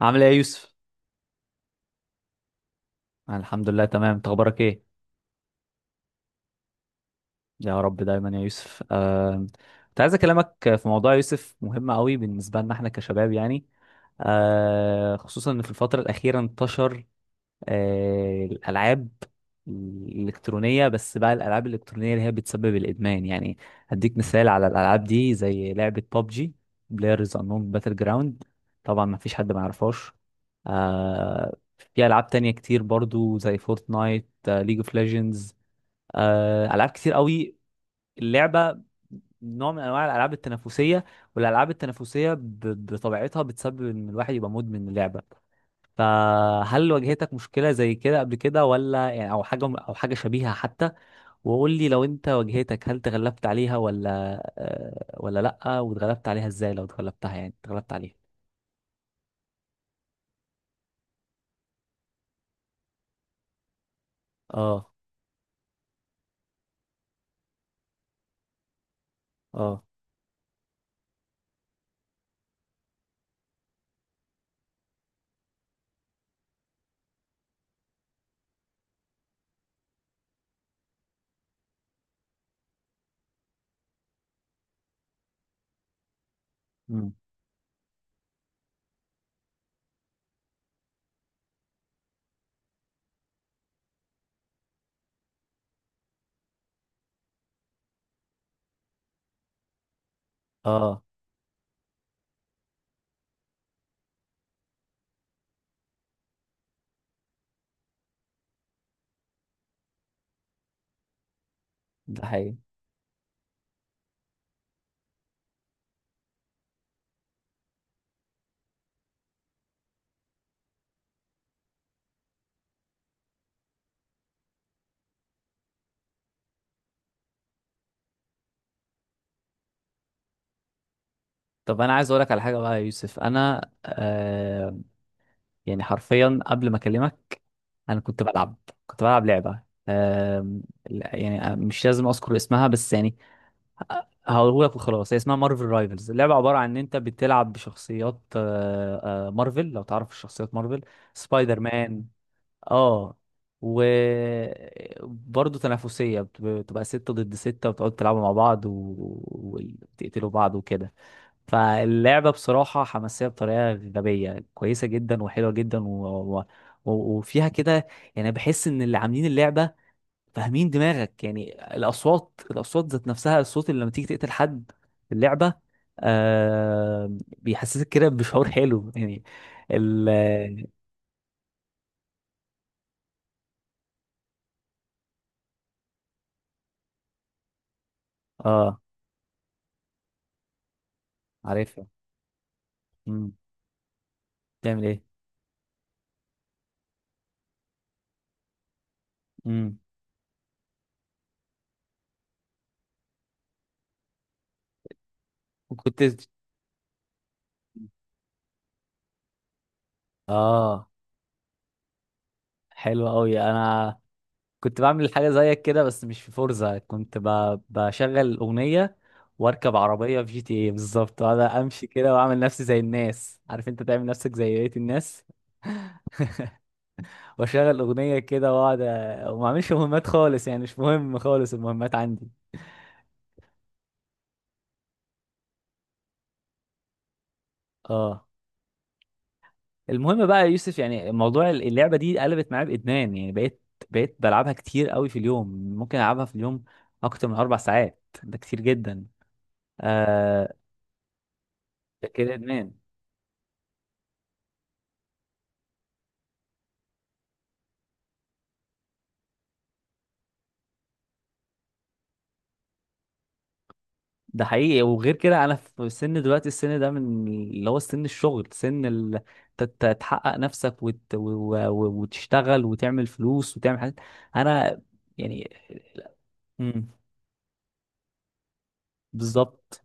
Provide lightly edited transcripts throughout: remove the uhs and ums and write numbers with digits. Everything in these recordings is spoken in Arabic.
عامل ايه يا يوسف؟ أنا الحمد لله تمام، انت اخبارك ايه؟ يا رب دايما يا يوسف. كنت عايز اكلمك في موضوع يا يوسف مهم قوي بالنسبه لنا احنا كشباب يعني. خصوصا ان في الفتره الاخيره انتشر الالعاب الالكترونيه. بس بقى الالعاب الالكترونيه اللي هي بتسبب الادمان يعني. هديك مثال على الالعاب دي زي لعبه ببجي، بلايرز انون باتل جراوند. طبعا ما فيش حد ما يعرفهاش. آه في العاب تانية كتير برضو زي فورتنايت، ليج اوف ليجندز، العاب كتير قوي. اللعبه نوع من انواع الالعاب التنافسيه، والالعاب التنافسيه بطبيعتها بتسبب ان الواحد يبقى مدمن اللعبه. فهل واجهتك مشكلة زي كده قبل كده، ولا يعني او حاجة او حاجة شبيهة حتى؟ وقول لي لو انت واجهتك، هل تغلبت عليها ولا ولا لأ؟ واتغلبت عليها ازاي لو اتغلبتها، يعني اتغلبت عليها؟ اه. اه. مم. اه. ده حقيقي. طب انا عايز اقولك على حاجة بقى يا يوسف. انا يعني حرفيا قبل ما اكلمك، انا كنت بلعب لعبة. آم، لا، يعني مش لازم اذكر اسمها بس يعني. هقولك وخلاص، هي اسمها مارفل رايفلز. اللعبة عبارة عن ان انت بتلعب بشخصيات مارفل، لو تعرف شخصيات مارفل، سبايدر مان. اه. وبرضه تنافسية، بتبقى 6 ضد 6، وتقعدوا تلعبوا مع بعض وتقتلوا بعض وكده. فاللعبة بصراحة حماسية بطريقة غبية كويسة جدا وحلوة جدا و... وفيها كده. يعني بحس ان اللي عاملين اللعبة فاهمين دماغك، يعني الاصوات، الاصوات ذات نفسها، الصوت اللي لما تيجي تقتل حد في اللعبه آه بيحسسك كده بشعور حلو يعني. ال اه. عارفها. امم بتعمل ايه؟ امم وكنت اه. حلو قوي. انا كنت بعمل حاجه زيك كده بس مش في فورزا، كنت بشغل اغنيه واركب عربيه في جي تي اي بالظبط، وانا امشي كده واعمل نفسي زي الناس، عارف انت تعمل نفسك زي بقيه الناس. واشغل اغنيه كده واقعد وما اعملش مهمات خالص، يعني مش مهم خالص المهمات عندي. اه. المهم بقى يا يوسف، يعني موضوع اللعبه دي قلبت معايا بادمان. يعني بقيت بلعبها كتير قوي في اليوم. ممكن العبها في اليوم اكتر من 4 ساعات، ده كتير جدا. آه ده كده ادمان. ده حقيقي. وغير كده انا في سن دلوقتي، السن ده من اللي هو سن الشغل، سن تحقق نفسك وتشتغل وتعمل فلوس وتعمل حاجات. انا يعني. بالظبط.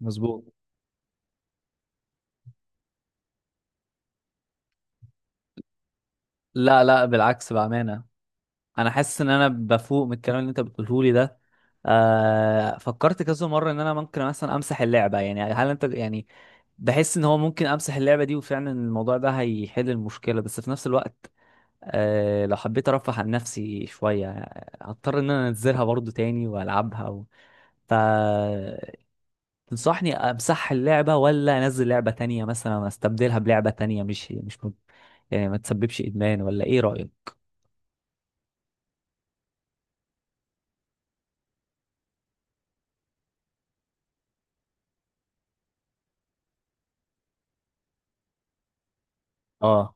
مظبوط. لا لا، بالعكس، بأمانة. أنا حاسس إن أنا بفوق من الكلام اللي أنت بتقوله لي ده. فكرت كذا مرة إن أنا ممكن مثلا أمسح اللعبة، يعني هل أنت يعني. بحس إن هو ممكن أمسح اللعبة دي وفعلا الموضوع ده هيحل المشكلة، بس في نفس الوقت لو حبيت أرفه عن نفسي شوية، هضطر إن أنا أنزلها برضو تاني وألعبها و... تنصحني امسح اللعبة ولا انزل لعبة تانية، مثلا استبدلها بلعبة تانية مش مش يعني ما تسببش ادمان، ولا ايه رأيك؟ اه.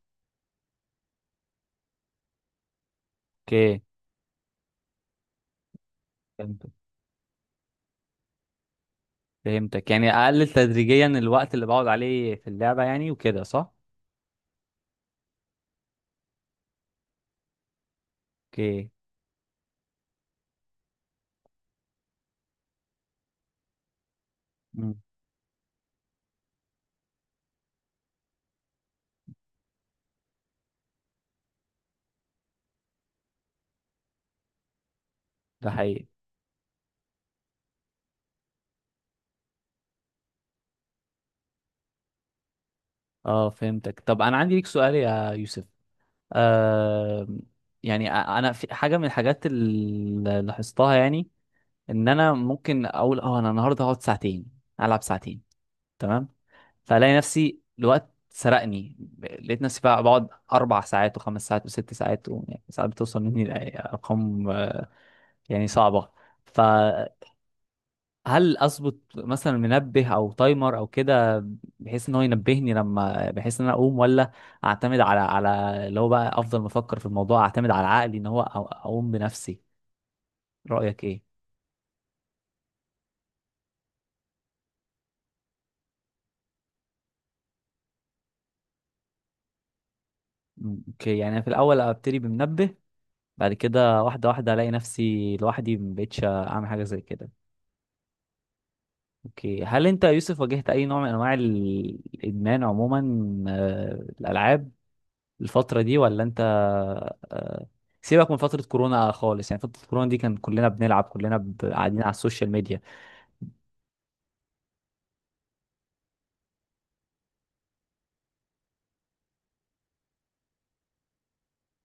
اوكي. فهمتك فهمتك يعني اقلل تدريجيا الوقت اللي بقعد عليه في اللعبة، يعني وكده، صح؟ اوكي. مم. ده حقيقي. اه، فهمتك. طب انا عندي ليك سؤال يا يوسف. آه يعني انا في حاجة من الحاجات اللي لاحظتها، يعني ان انا ممكن اقول انا النهارده هقعد ساعتين، العب ساعتين، تمام. فالاقي نفسي الوقت سرقني، لقيت نفسي بقى بقعد 4 ساعات وخمس ساعات وست ساعات يعني ساعات بتوصل مني لارقام يعني صعبه. فهل اظبط مثلا منبه او تايمر او كده، بحيث ان هو ينبهني لما، بحيث ان انا اقوم، ولا اعتمد على اللي هو بقى افضل، ما افكر في الموضوع اعتمد على عقلي ان هو اقوم بنفسي؟ رايك ايه؟ اوكي، يعني أنا في الاول ابتدي بمنبه، بعد كده واحده واحده الاقي نفسي لوحدي ما بقتش اعمل حاجه زي كده. اوكي. هل انت يا يوسف واجهت اي نوع من انواع الادمان عموما، آه، الالعاب، الفتره دي؟ ولا انت آه، سيبك من فتره كورونا خالص، يعني فتره كورونا دي كان كلنا بنلعب، كلنا قاعدين على السوشيال ميديا.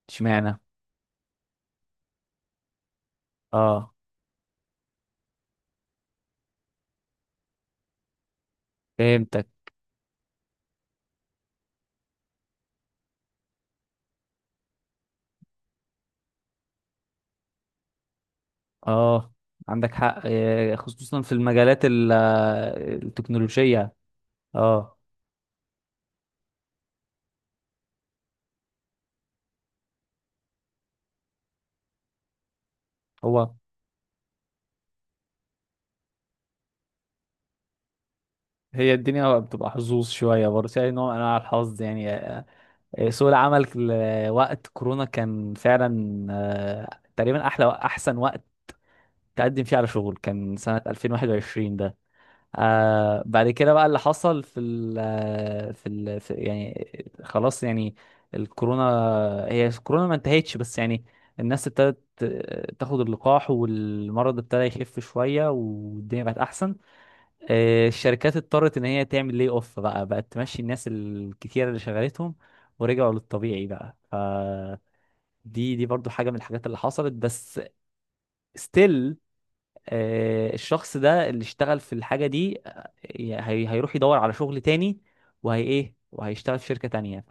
اشمعنى؟ اه، فهمتك. اه، عندك حق. خصوصا في المجالات التكنولوجيه. اه. هو هي الدنيا بتبقى حظوظ شويه برضه في اي نوع من انواع الحظ يعني. سوق العمل وقت كورونا كان فعلا تقريبا احلى، احسن وقت تقدم فيه على شغل، كان سنة 2021 ده. بعد كده بقى اللي حصل في ال آه، في ال في يعني، خلاص يعني. الكورونا، هي الكورونا ما انتهتش بس يعني. الناس ابتدت تاخد اللقاح، والمرض ابتدى يخف شوية، والدنيا بقت أحسن. الشركات اضطرت ان هي تعمل لي اوف بقى، بقت تمشي الناس الكتير اللي شغلتهم، ورجعوا للطبيعي بقى. فدي دي دي برضو حاجة من الحاجات اللي حصلت. بس ستيل الشخص ده اللي اشتغل في الحاجة دي هيروح يدور على شغل تاني، وهي ايه، وهيشتغل في شركة تانية.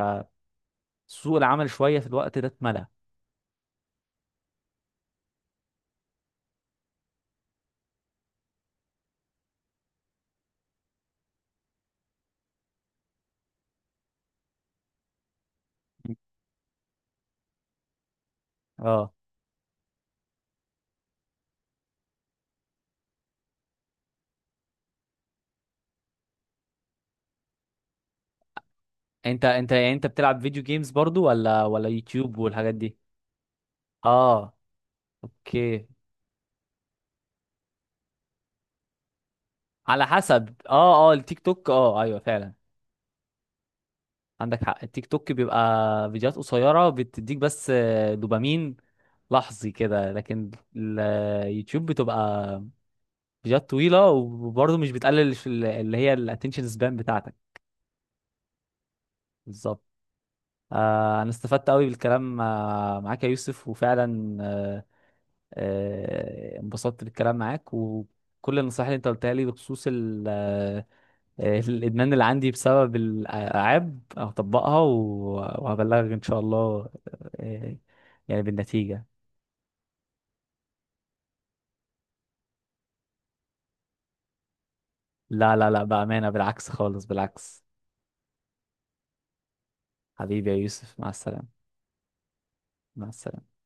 فسوق العمل شوية في الوقت ده اتملى. اه. انت يعني انت بتلعب فيديو جيمز برضو، ولا يوتيوب والحاجات دي؟ اه. اوكي. على حسب. اه التيك توك، ايوه فعلا، عندك حق. التيك توك بيبقى فيديوهات قصيرة بتديك بس دوبامين لحظي كده. لكن اليوتيوب بتبقى فيديوهات طويلة، وبرضه مش بتقلل اللي هي الاتنشن سبان بتاعتك. بالظبط. انا استفدت قوي بالكلام معاك يا يوسف، وفعلا انبسطت بالكلام معاك، وكل النصائح اللي انت قلتها لي بخصوص الادمان اللي عندي بسبب الالعاب هطبقها وهبلغك ان شاء الله. آه، يعني بالنتيجة. لا لا لا، بأمانة، بالعكس خالص، بالعكس. حبيبي يا يوسف، مع السلامة. مع السلامة.